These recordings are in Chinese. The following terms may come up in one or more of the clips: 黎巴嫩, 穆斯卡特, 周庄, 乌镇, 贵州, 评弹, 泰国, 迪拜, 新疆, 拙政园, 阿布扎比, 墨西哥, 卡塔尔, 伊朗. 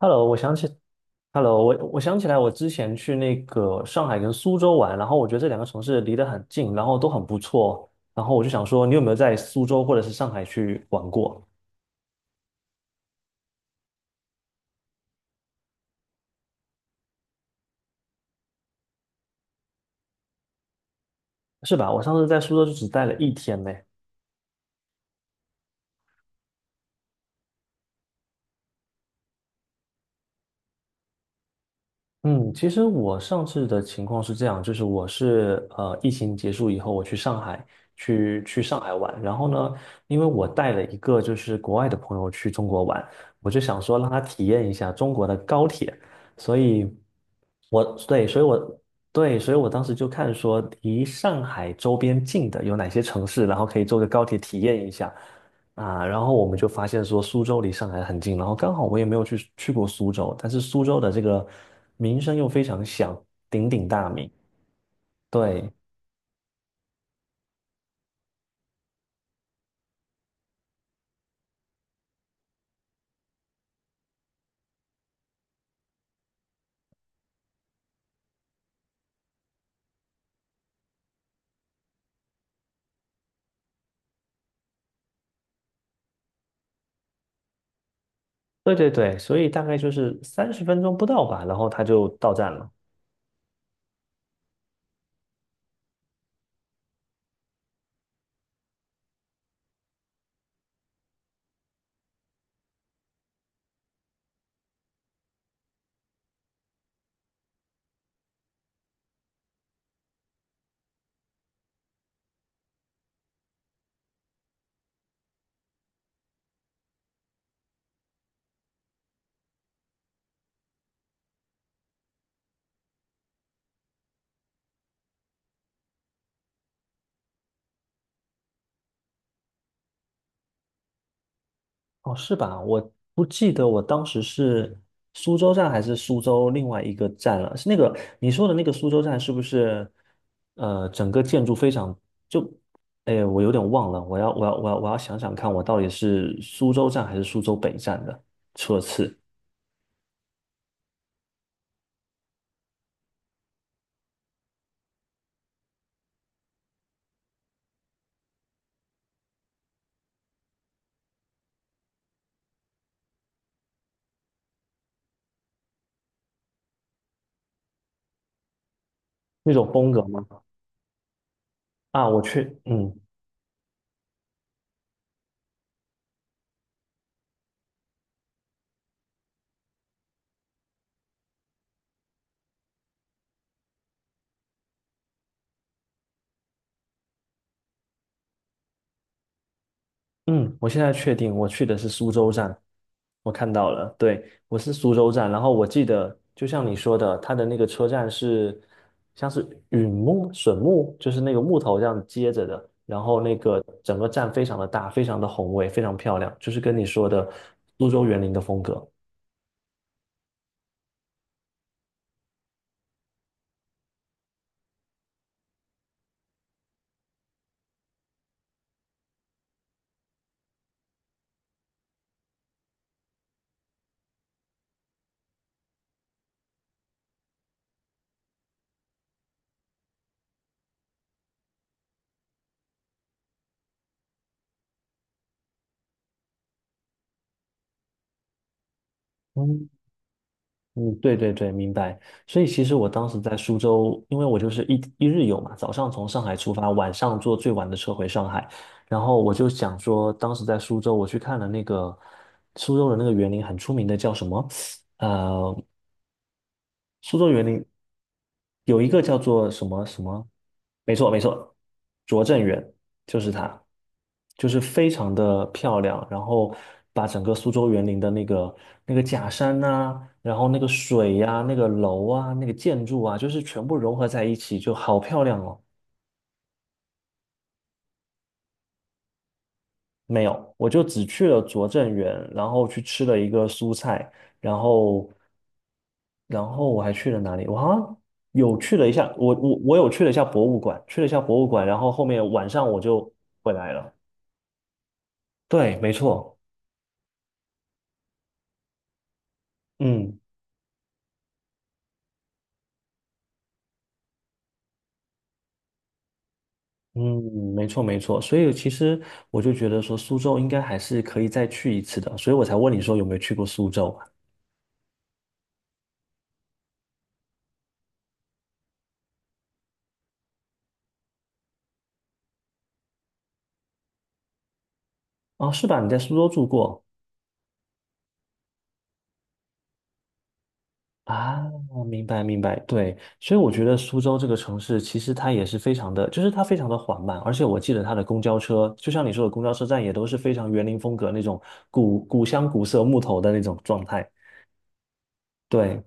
Hello，我想起，Hello，我想起来，我之前去那个上海跟苏州玩，然后我觉得这两个城市离得很近，然后都很不错，然后我就想说，你有没有在苏州或者是上海去玩过？是吧？我上次在苏州就只待了一天呢。嗯，其实我上次的情况是这样，就是我是疫情结束以后，我去上海去上海玩，然后呢，因为我带了一个就是国外的朋友去中国玩，我就想说让他体验一下中国的高铁，所以我对，所以我我当时就看说离上海周边近的有哪些城市，然后可以坐个高铁体验一下。啊，然后我们就发现说苏州离上海很近，然后刚好我也没有去过苏州，但是苏州的这个名声又非常响，鼎鼎大名。对，对对对，所以大概就是30分钟不到吧，然后他就到站了。哦，是吧？我不记得我当时是苏州站还是苏州另外一个站了。是那个你说的那个苏州站，是不是？呃，整个建筑非常就，哎，我有点忘了。我要想想看，我到底是苏州站还是苏州北站的车次那种风格吗？啊，我去，嗯。嗯，我现在确定我去的是苏州站，我看到了，对，我是苏州站，然后我记得就像你说的，它的那个车站是像是榉木、笋木，就是那个木头这样接着的，然后那个整个站非常的大，非常的宏伟，非常漂亮，就是跟你说的苏州园林的风格。嗯，对对对，明白。所以其实我当时在苏州，因为我就是一日游嘛，早上从上海出发，晚上坐最晚的车回上海。然后我就想说，当时在苏州，我去看了那个苏州的那个园林，很出名的叫什么？苏州园林有一个叫做什么什么，没错没错，拙政园就是它，就是非常的漂亮，然后把整个苏州园林的那个那个假山呐、然后那个水呀、那个楼啊、那个建筑啊，就是全部融合在一起，就好漂亮哦。没有，我就只去了拙政园，然后去吃了一个蔬菜，然后，然后我还去了哪里？我好像有去了一下博物馆，然后后面晚上我就回来了。对，没错，嗯嗯，没错没错。所以其实我就觉得说苏州应该还是可以再去一次的，所以我才问你说有没有去过苏州啊？哦是吧？你在苏州住过？啊，明白明白，对，所以我觉得苏州这个城市其实它也是非常的，就是它非常的缓慢，而且我记得它的公交车，就像你说的，公交车站也都是非常园林风格那种古古香古色木头的那种状态。对，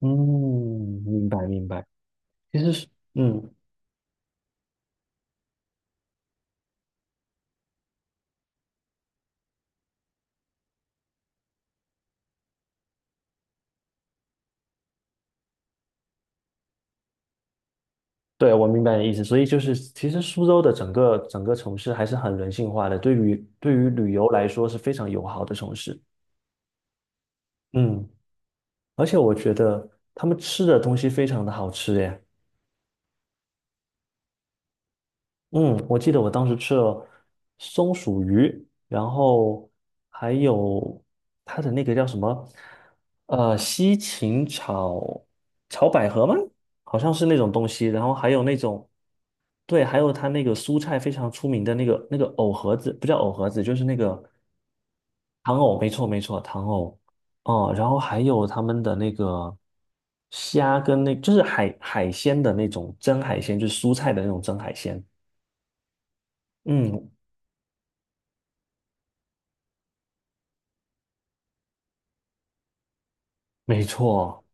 嗯，明白明白。其实是，嗯，对，我明白你的意思。所以就是，其实苏州的整个城市还是很人性化的，对于旅游来说是非常友好的城市。嗯，而且我觉得他们吃的东西非常的好吃耶。嗯，我记得我当时吃了松鼠鱼，然后还有它的那个叫什么，西芹炒百合吗？好像是那种东西。然后还有那种，对，还有它那个蔬菜非常出名的那个藕盒子，不叫藕盒子，就是那个糖藕，没错没错，糖藕。哦，然后还有他们的那个虾跟那，就是海鲜的那种蒸海鲜，就是蔬菜的那种蒸海鲜。嗯，没错，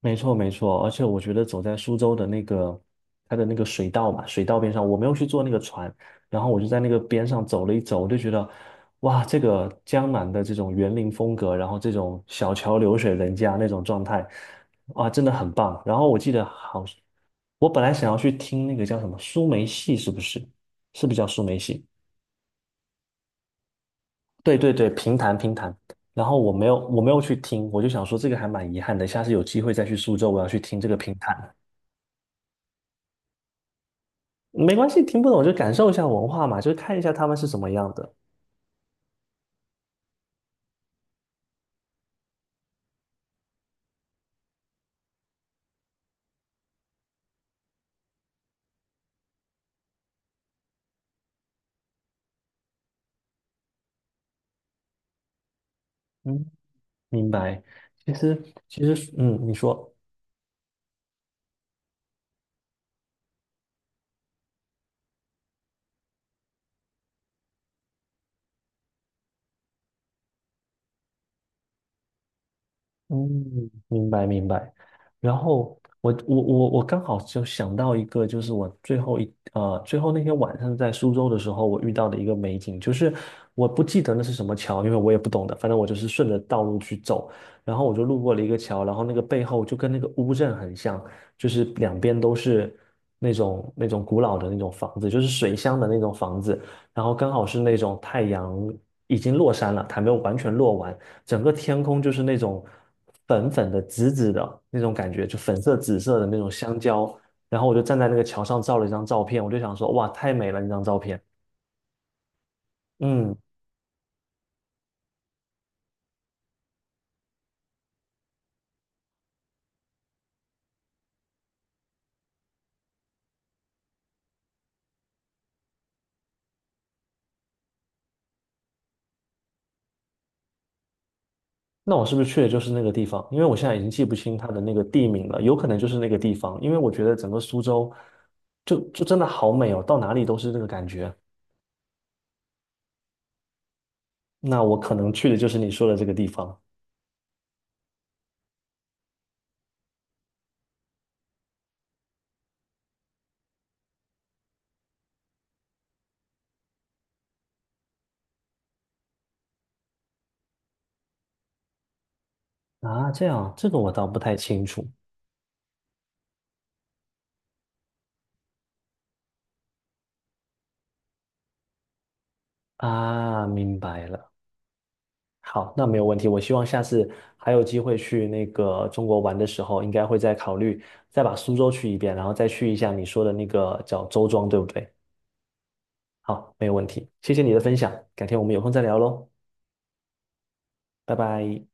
没错，没错。而且我觉得走在苏州的那个它的那个水道嘛，水道边上，我没有去坐那个船，然后我就在那个边上走了一走，我就觉得，哇，这个江南的这种园林风格，然后这种小桥流水人家那种状态，哇，真的很棒。然后我记得好，我本来想要去听那个叫什么苏梅戏，是不是？是不是叫苏梅戏？对对对，评弹评弹。然后我没有去听，我就想说这个还蛮遗憾的，下次有机会再去苏州，我要去听这个评弹。没关系，听不懂就感受一下文化嘛，就是看一下他们是什么样的。嗯，明白。其实其实，嗯，你说。嗯，明白明白。然后我刚好就想到一个，就是我最后最后那天晚上在苏州的时候，我遇到的一个美景，就是我不记得那是什么桥，因为我也不懂的，反正我就是顺着道路去走，然后我就路过了一个桥，然后那个背后就跟那个乌镇很像，就是两边都是那种古老的那种房子，就是水乡的那种房子，然后刚好是那种太阳已经落山了，还没有完全落完。整个天空就是那种粉粉的、紫紫的那种感觉，就粉色、紫色的那种香蕉。然后我就站在那个桥上照了一张照片，我就想说，哇，太美了那张照片。嗯，那我是不是去的就是那个地方？因为我现在已经记不清它的那个地名了，有可能就是那个地方，因为我觉得整个苏州就真的好美哦，到哪里都是那个感觉。那我可能去的就是你说的这个地方啊，这样，这个我倒不太清楚啊，明白了。好，那没有问题。我希望下次还有机会去那个中国玩的时候，应该会再考虑再把苏州去一遍，然后再去一下你说的那个叫周庄，对不对？好，没有问题。谢谢你的分享，改天我们有空再聊喽，拜拜。